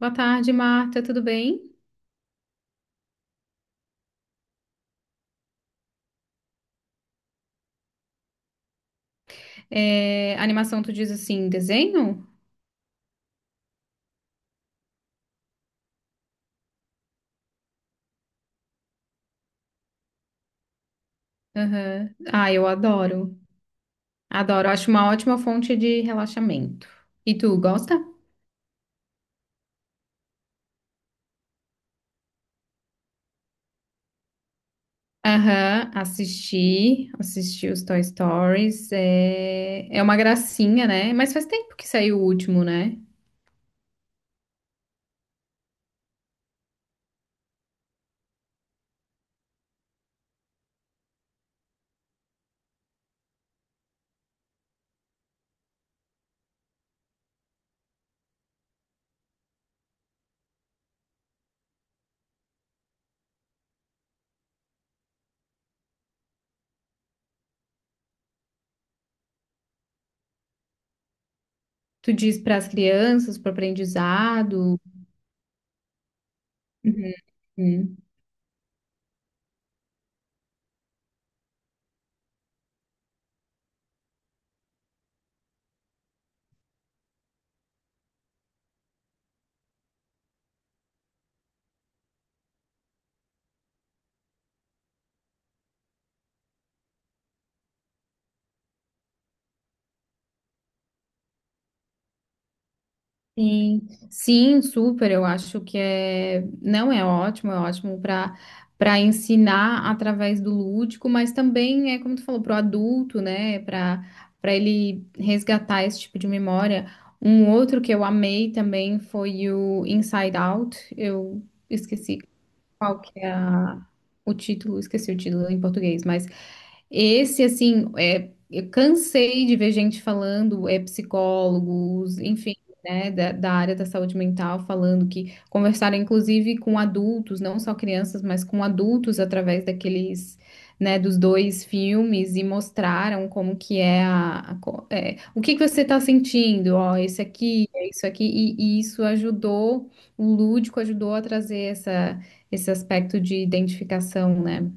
Boa tarde, Marta, tudo bem? É, animação, tu diz assim, desenho? Aham. Ah, eu adoro. Adoro, acho uma ótima fonte de relaxamento. E tu, gosta? Aham, assisti, os Toy Stories. É, é uma gracinha, né? Mas faz tempo que saiu o último, né? Tu diz para as crianças, para o aprendizado. Uhum. Sim, sim, super. Eu acho que é, não é ótimo, é ótimo para ensinar através do lúdico, mas também é como tu falou, para o adulto, né? Para ele resgatar esse tipo de memória. Um outro que eu amei também foi o Inside Out. Eu esqueci qual que é o título, esqueci o título em português, mas esse, assim, é, eu cansei de ver gente falando, é, psicólogos, enfim, né, da área da saúde mental, falando que conversaram, inclusive, com adultos, não só crianças, mas com adultos, através daqueles, né, dos dois filmes, e mostraram como que é é, o que que você está sentindo, ó, esse aqui, é isso aqui, e isso ajudou, o lúdico ajudou a trazer esse aspecto de identificação, né?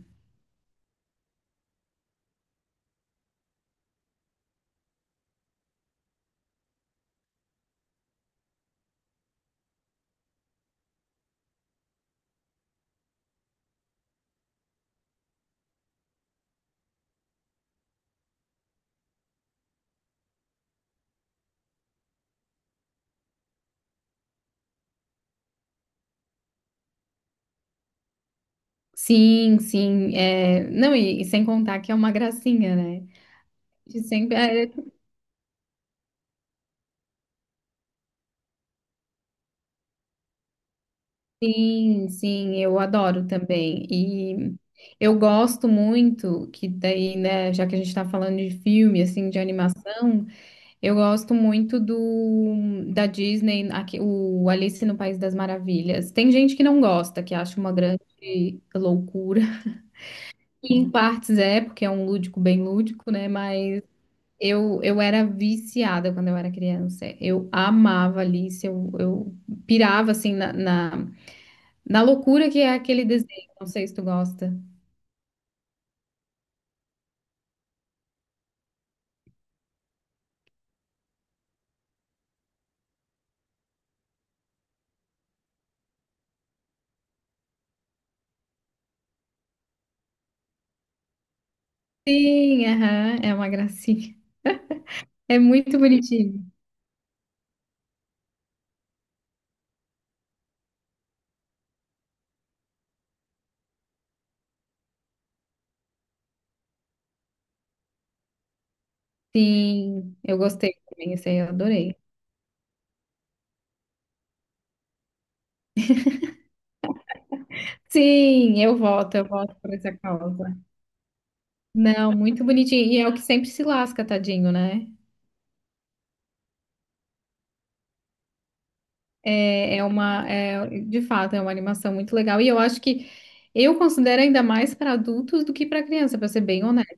Sim, sim. É... Não, e sem contar que é uma gracinha, né? De sempre. É. Sim, sim, eu adoro também. E eu gosto muito que daí, né, já que a gente tá falando de filme, assim, de animação, eu gosto muito do da Disney, aqui, o Alice no País das Maravilhas. Tem gente que não gosta, que acha uma grande loucura. E em partes é, porque é um lúdico bem lúdico, né? Mas eu era viciada quando eu era criança. Eu amava Alice, eu pirava assim na loucura que é aquele desenho. Não sei se tu gosta. Sim, aham, é uma gracinha. É muito bonitinho. Sim, eu gostei também, esse aí eu adorei. Sim, eu voto por essa causa. Não, muito bonitinho. E é o que sempre se lasca, tadinho, né? É, é uma, é, de fato, é uma animação muito legal. E eu acho que eu considero ainda mais para adultos do que para criança, para ser bem honesta.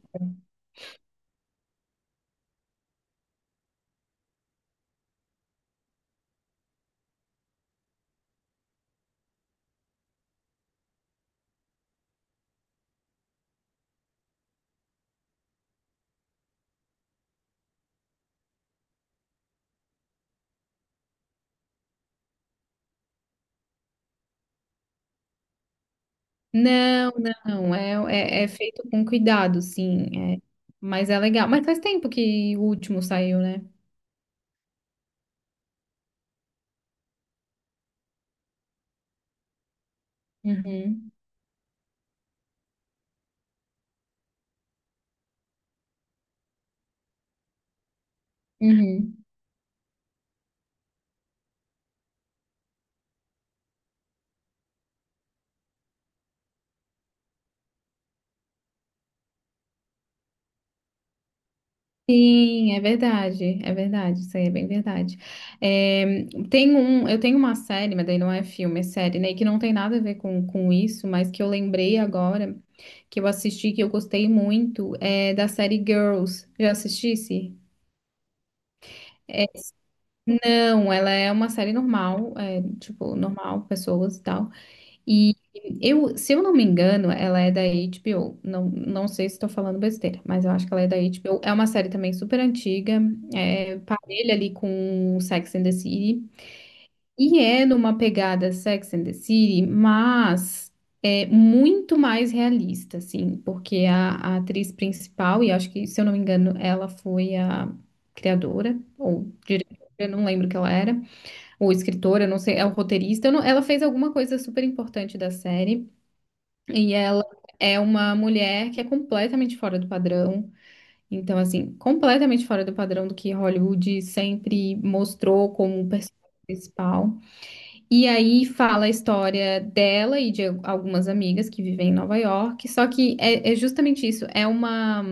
Não, não, é, é, é feito com cuidado, sim. É, mas é legal. Mas faz tempo que o último saiu, né? Uhum, uhum. Sim, é verdade, isso aí é bem verdade. É, tem um, eu tenho uma série, mas daí não é filme, é série, né? Que não tem nada a ver com isso, mas que eu lembrei agora. Que eu assisti, que eu gostei muito, é da série Girls. Já assistisse? É, não, ela é uma série normal, é, tipo, normal, pessoas e tal. E eu, se eu não me engano, ela é da HBO. Não, não sei se estou falando besteira, mas eu acho que ela é da HBO. É uma série também super antiga, é, parelha ali com Sex and the City. E é numa pegada Sex and the City, mas é muito mais realista, assim, porque a atriz principal, e acho que, se eu não me engano, ela foi a criadora ou diretora, eu não lembro o que ela era, ou escritora, eu não sei, é o roteirista, eu não- ela fez alguma coisa super importante da série, e ela é uma mulher que é completamente fora do padrão. Então, assim, completamente fora do padrão do que Hollywood sempre mostrou como personagem principal. E aí fala a história dela e de algumas amigas que vivem em Nova York. Só que é, é justamente isso, é uma,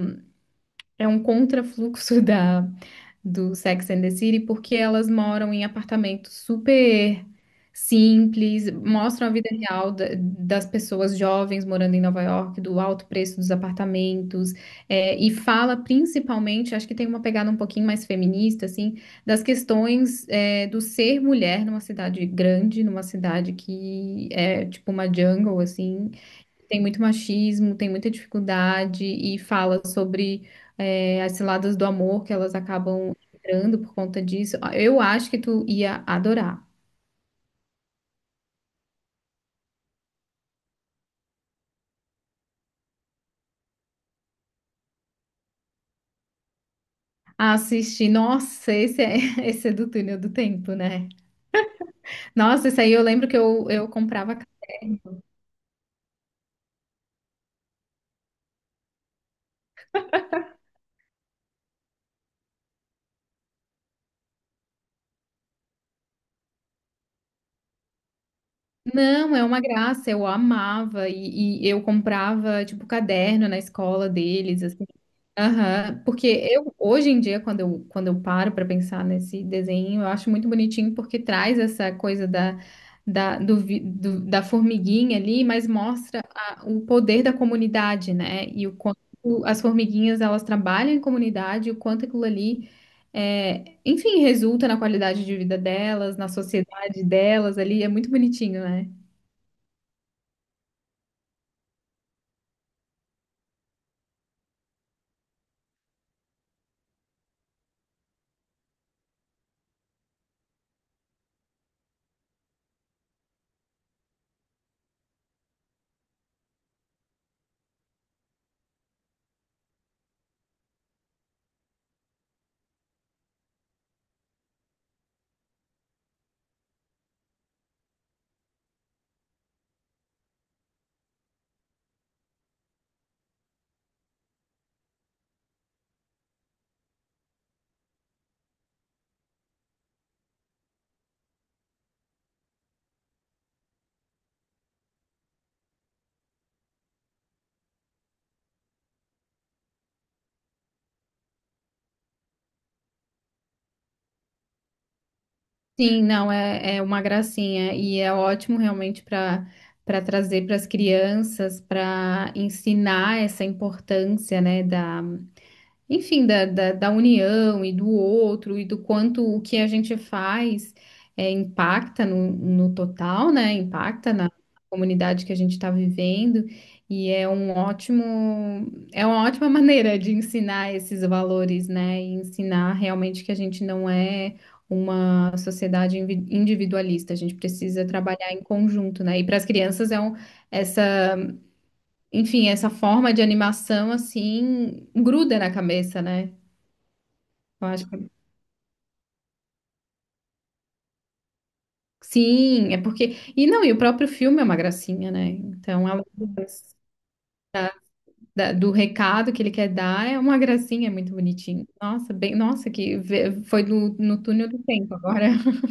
é um contrafluxo da, do Sex and the City, porque elas moram em apartamentos super simples, mostram a vida real das pessoas jovens morando em Nova York, do alto preço dos apartamentos, é, e fala principalmente, acho que tem uma pegada um pouquinho mais feminista, assim, das questões, é, do ser mulher numa cidade grande, numa cidade que é tipo uma jungle, assim, tem muito machismo, tem muita dificuldade e fala sobre é, as ciladas do amor que elas acabam entrando por conta disso. Eu acho que tu ia adorar. Assistir, nossa, esse é, esse é do túnel do tempo, né? Nossa, isso aí eu lembro que eu comprava. Não, é uma graça, eu amava e eu comprava tipo caderno na escola deles, assim. Aham, porque eu hoje em dia quando eu paro para pensar nesse desenho, eu acho muito bonitinho porque traz essa coisa da da, do, vi- do- da formiguinha ali, mas mostra o poder da comunidade, né? E o quanto as formiguinhas elas trabalham em comunidade, o quanto aquilo ali é, enfim, resulta na qualidade de vida delas, na sociedade personalidade delas ali, é muito bonitinho, né? Sim, não, é, é uma gracinha e é ótimo realmente para trazer para as crianças, para ensinar essa importância, né, da enfim, da união e do outro e do quanto o que a gente faz é, impacta no total, né? Impacta na comunidade que a gente está vivendo e é um ótimo, é uma ótima maneira de ensinar esses valores, né? E ensinar realmente que a gente não é uma sociedade individualista, a gente precisa trabalhar em conjunto, né? E para as crianças é um, essa, enfim, essa forma de animação assim gruda na cabeça, né? Eu acho que... Sim, é porque. E não, e o próprio filme é uma gracinha, né? Então, além do recado que ele quer dar, é uma gracinha, é muito bonitinho. Nossa, bem, nossa, que foi no túnel do tempo agora.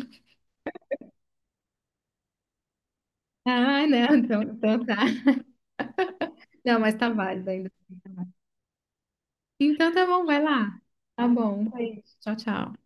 Ah, não, então, então tá. Não, mas tá válido ainda. Então tá bom, vai lá. Tá bom, um beijo. Tchau, tchau.